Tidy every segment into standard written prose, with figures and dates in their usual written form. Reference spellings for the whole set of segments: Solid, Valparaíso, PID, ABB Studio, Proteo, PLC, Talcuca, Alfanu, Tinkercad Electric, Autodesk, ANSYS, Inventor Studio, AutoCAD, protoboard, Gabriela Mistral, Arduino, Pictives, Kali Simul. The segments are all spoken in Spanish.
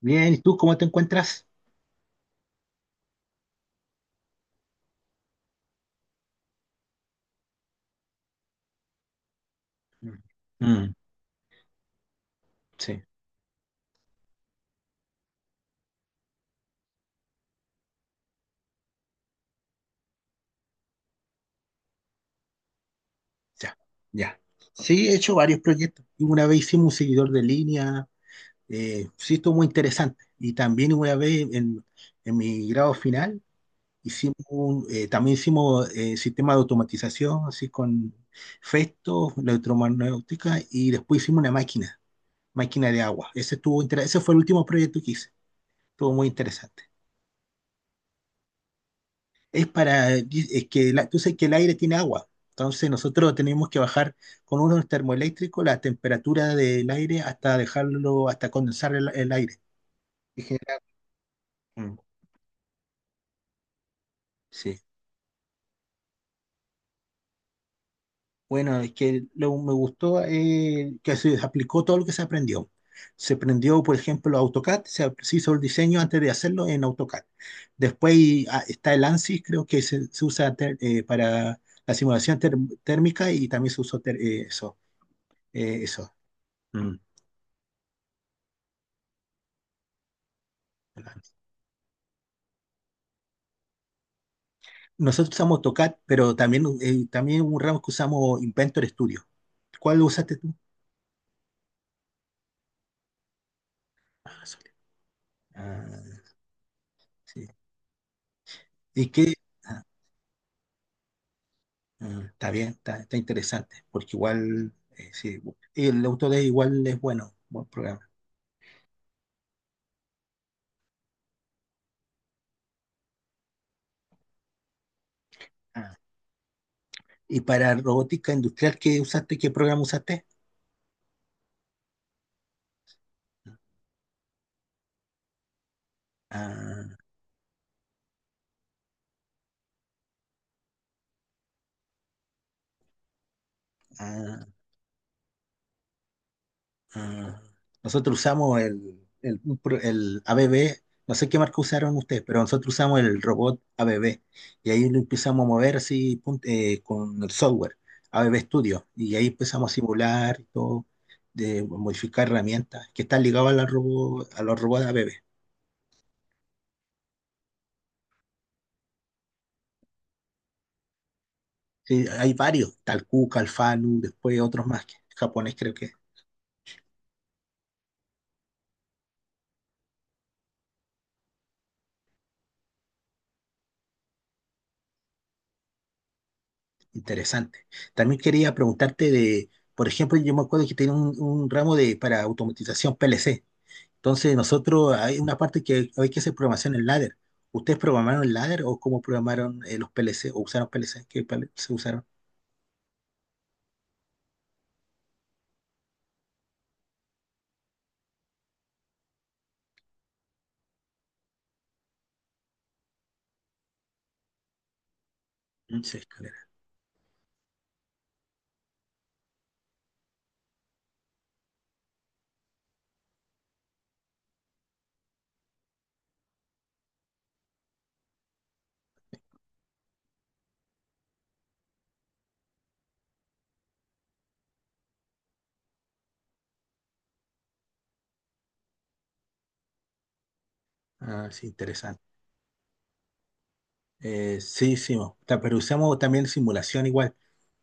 Bien, ¿y tú cómo te encuentras? Mm. Mm, sí, ya, ya. Sí, he hecho varios proyectos. Y una vez hicimos un seguidor de línea, sí, estuvo muy interesante. Y también una vez en mi grado final, también hicimos sistema de automatización, así con Festo, electromagnética, y después hicimos una máquina, máquina de agua. Ese fue el último proyecto que hice. Estuvo muy interesante. Es para, tú sabes que el aire tiene agua, entonces nosotros tenemos que bajar con unos termoeléctricos la temperatura del aire hasta dejarlo, hasta condensar el aire. Y genera- mm, Sí. Bueno, me gustó que se aplicó todo lo que se aprendió. Se aprendió, por ejemplo, AutoCAD, se hizo el diseño antes de hacerlo en AutoCAD. Después está el ANSYS, creo que para la simulación térmica y también eso. eh, eso. Mm. Nosotros usamos AutoCAD, pero también, también hubo un ramo que usamos Inventor Studio. ¿Cuál usaste tú? Ah, Solid. Ah, sí. ¿Y qué? Ah, está bien, está interesante, porque igual, sí, el Autodesk igual es bueno, buen programa. Ah, ¿Y para robótica industrial qué usaste? ¿Qué programa usaste? Ah, ah, Ah, nosotros usamos el ABB, no sé qué marca usaron ustedes, pero nosotros usamos el robot ABB y ahí lo empezamos a mover con el software ABB Studio y ahí empezamos a simular y todo, de modificar herramientas que están ligadas a, a los robots ABB. Sí, hay varios, Talcuca, Alfanu, después otros más que japonés creo que es interesante. También quería preguntarte de, por ejemplo, yo me acuerdo que tenía un ramo de para automatización PLC. Entonces, nosotros hay una parte que hay que hacer programación en ladder. ¿Ustedes programaron el ladder o cómo programaron los PLC o usaron PLC? ¿Qué PLC se usaron? Mm, sí, escalera. Ah, sí, interesante. Sí, sí, mo. Pero usamos también simulación igual.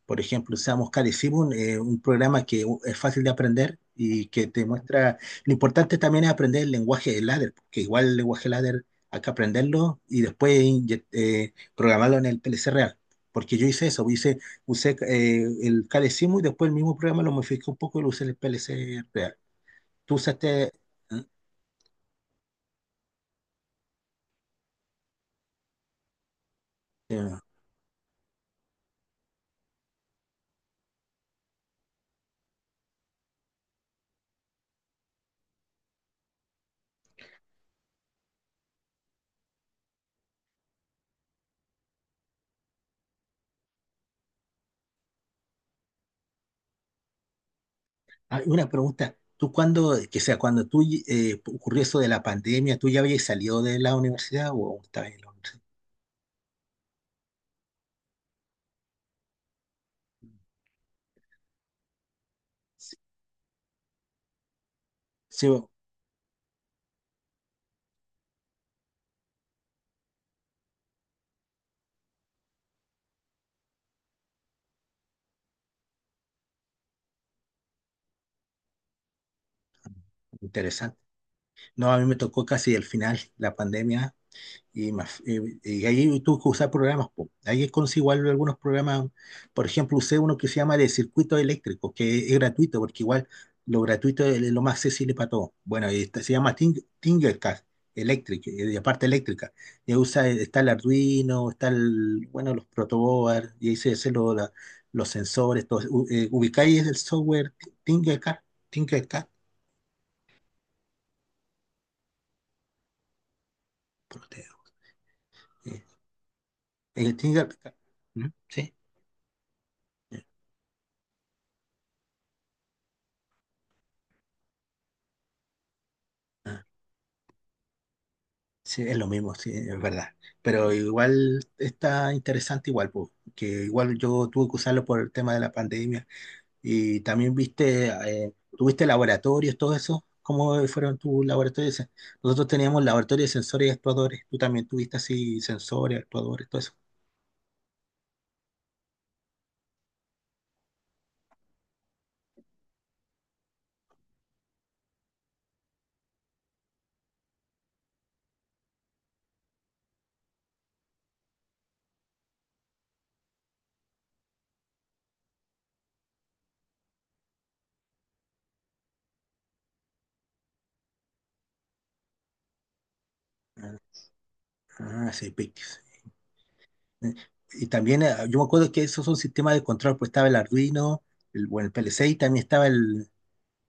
Por ejemplo, usamos Kali Simul, un programa es fácil de aprender y que te muestra. Lo importante también es aprender el lenguaje de ladder, porque igual el lenguaje ladder hay que aprenderlo y después programarlo en el PLC real. Porque yo hice eso, hice, usé el Kali Simul y después el mismo programa lo modificé un poco y lo usé en el PLC real. ¿Tú usaste? eh, Ah, una pregunta. ¿Tú cuando, que sea, cuando tú ocurrió eso de la pandemia, ¿tú ya habías salido de la universidad o aún estabas en la universidad? Sí, bueno, interesante. No, a mí me tocó casi el final, la pandemia. Y ahí tuve que usar programas. Po, ahí es igual algunos programas. Por ejemplo, usé uno que se llama de circuitos eléctricos, que es gratuito, porque igual lo gratuito es lo más accesible para todos. Bueno, y este se llama Tinkercad Electric, de parte eléctrica. Y ahí usa, está el Arduino, está el, bueno, los protoboard, y ahí se hacen los sensores, todo. Ubicáis el software Tinkercad, Tinkercad, Proteo. eh, el Tinkercad. ¿Mm? Sí. Ah. Sí, es lo mismo, sí, es verdad. Pero igual está interesante igual, pues, que igual yo tuve que usarlo por el tema de la pandemia. Y también viste, tuviste laboratorios, todo eso. ¿Cómo fueron tus laboratorios? Nosotros teníamos laboratorios de sensores y actuadores. Tú también tuviste así sensores, actuadores, todo eso. Ah, sí, Pictives. Eh, Y también yo me acuerdo que esos son sistemas de control, pues estaba el Arduino, el, bueno, el PLC y también estaba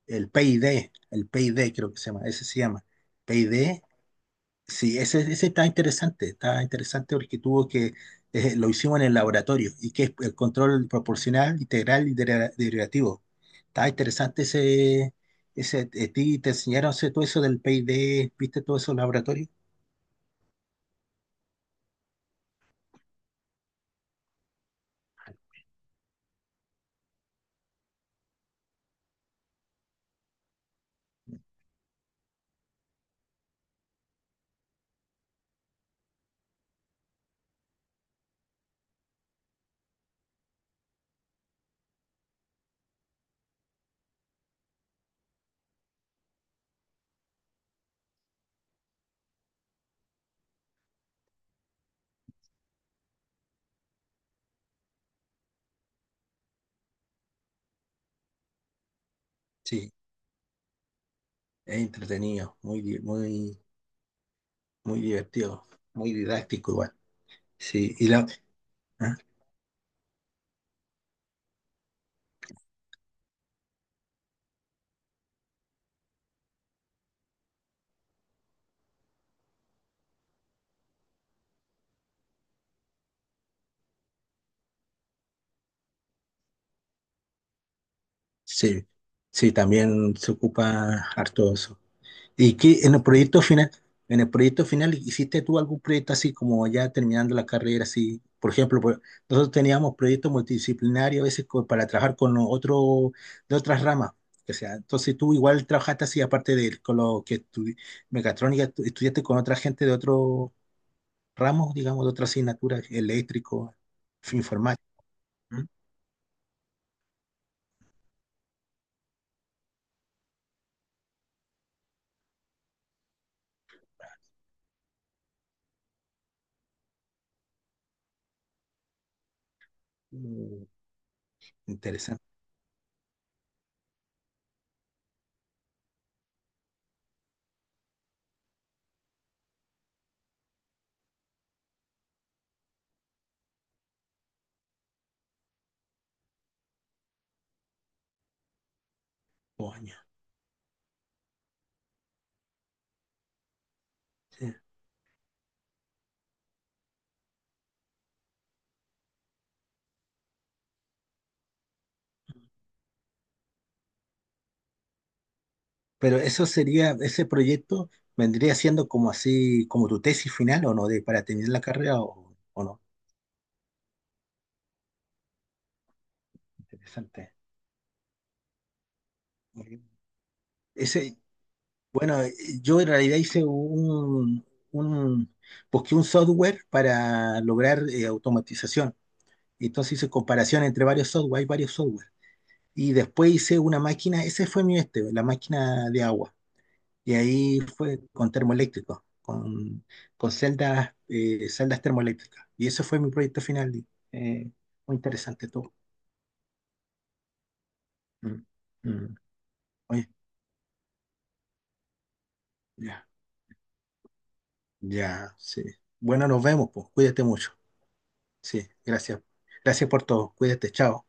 el PID, el PID creo que se llama, ese se llama. PID. Sí, ese está interesante porque tuvo que, lo hicimos en el laboratorio y que es el control proporcional, integral y derivativo. Está interesante ese, ese, a ti te enseñaron todo eso del PID, ¿viste todo eso en el laboratorio? Sí, es entretenido, muy, muy divertido, muy didáctico igual. Sí, y la, ¿ah? Sí, sí, también se ocupa harto eso. ¿Y qué en el proyecto final, en el proyecto final hiciste tú algún proyecto así como ya terminando la carrera así? Por ejemplo, nosotros teníamos proyectos multidisciplinarios a veces para trabajar con los otros de otras ramas. O sea, entonces tú igual trabajaste así aparte de con lo que mecatrónica, estudiaste con otra gente de otro ramo, digamos, de otra asignatura, eléctrico, informático. ¿Mm? Mm, interesante. Coño. Sí. Pero eso sería, ese proyecto vendría siendo como así, como tu tesis final o no, de, para terminar la carrera o no. Interesante. Ese, bueno, yo en realidad hice un, busqué un software para lograr automatización. Y entonces hice comparación entre varios software, hay varios software. Y después hice una máquina, ese fue mi este, la máquina de agua. Y ahí fue con termoeléctricos, con celdas, celdas termoeléctricas. Y ese fue mi proyecto final. eh, Muy interesante todo. Mm, mm. Oye, ya, ya, sí. Bueno, nos vemos, pues. Cuídate mucho. Sí, gracias. Gracias por todo. Cuídate, chao.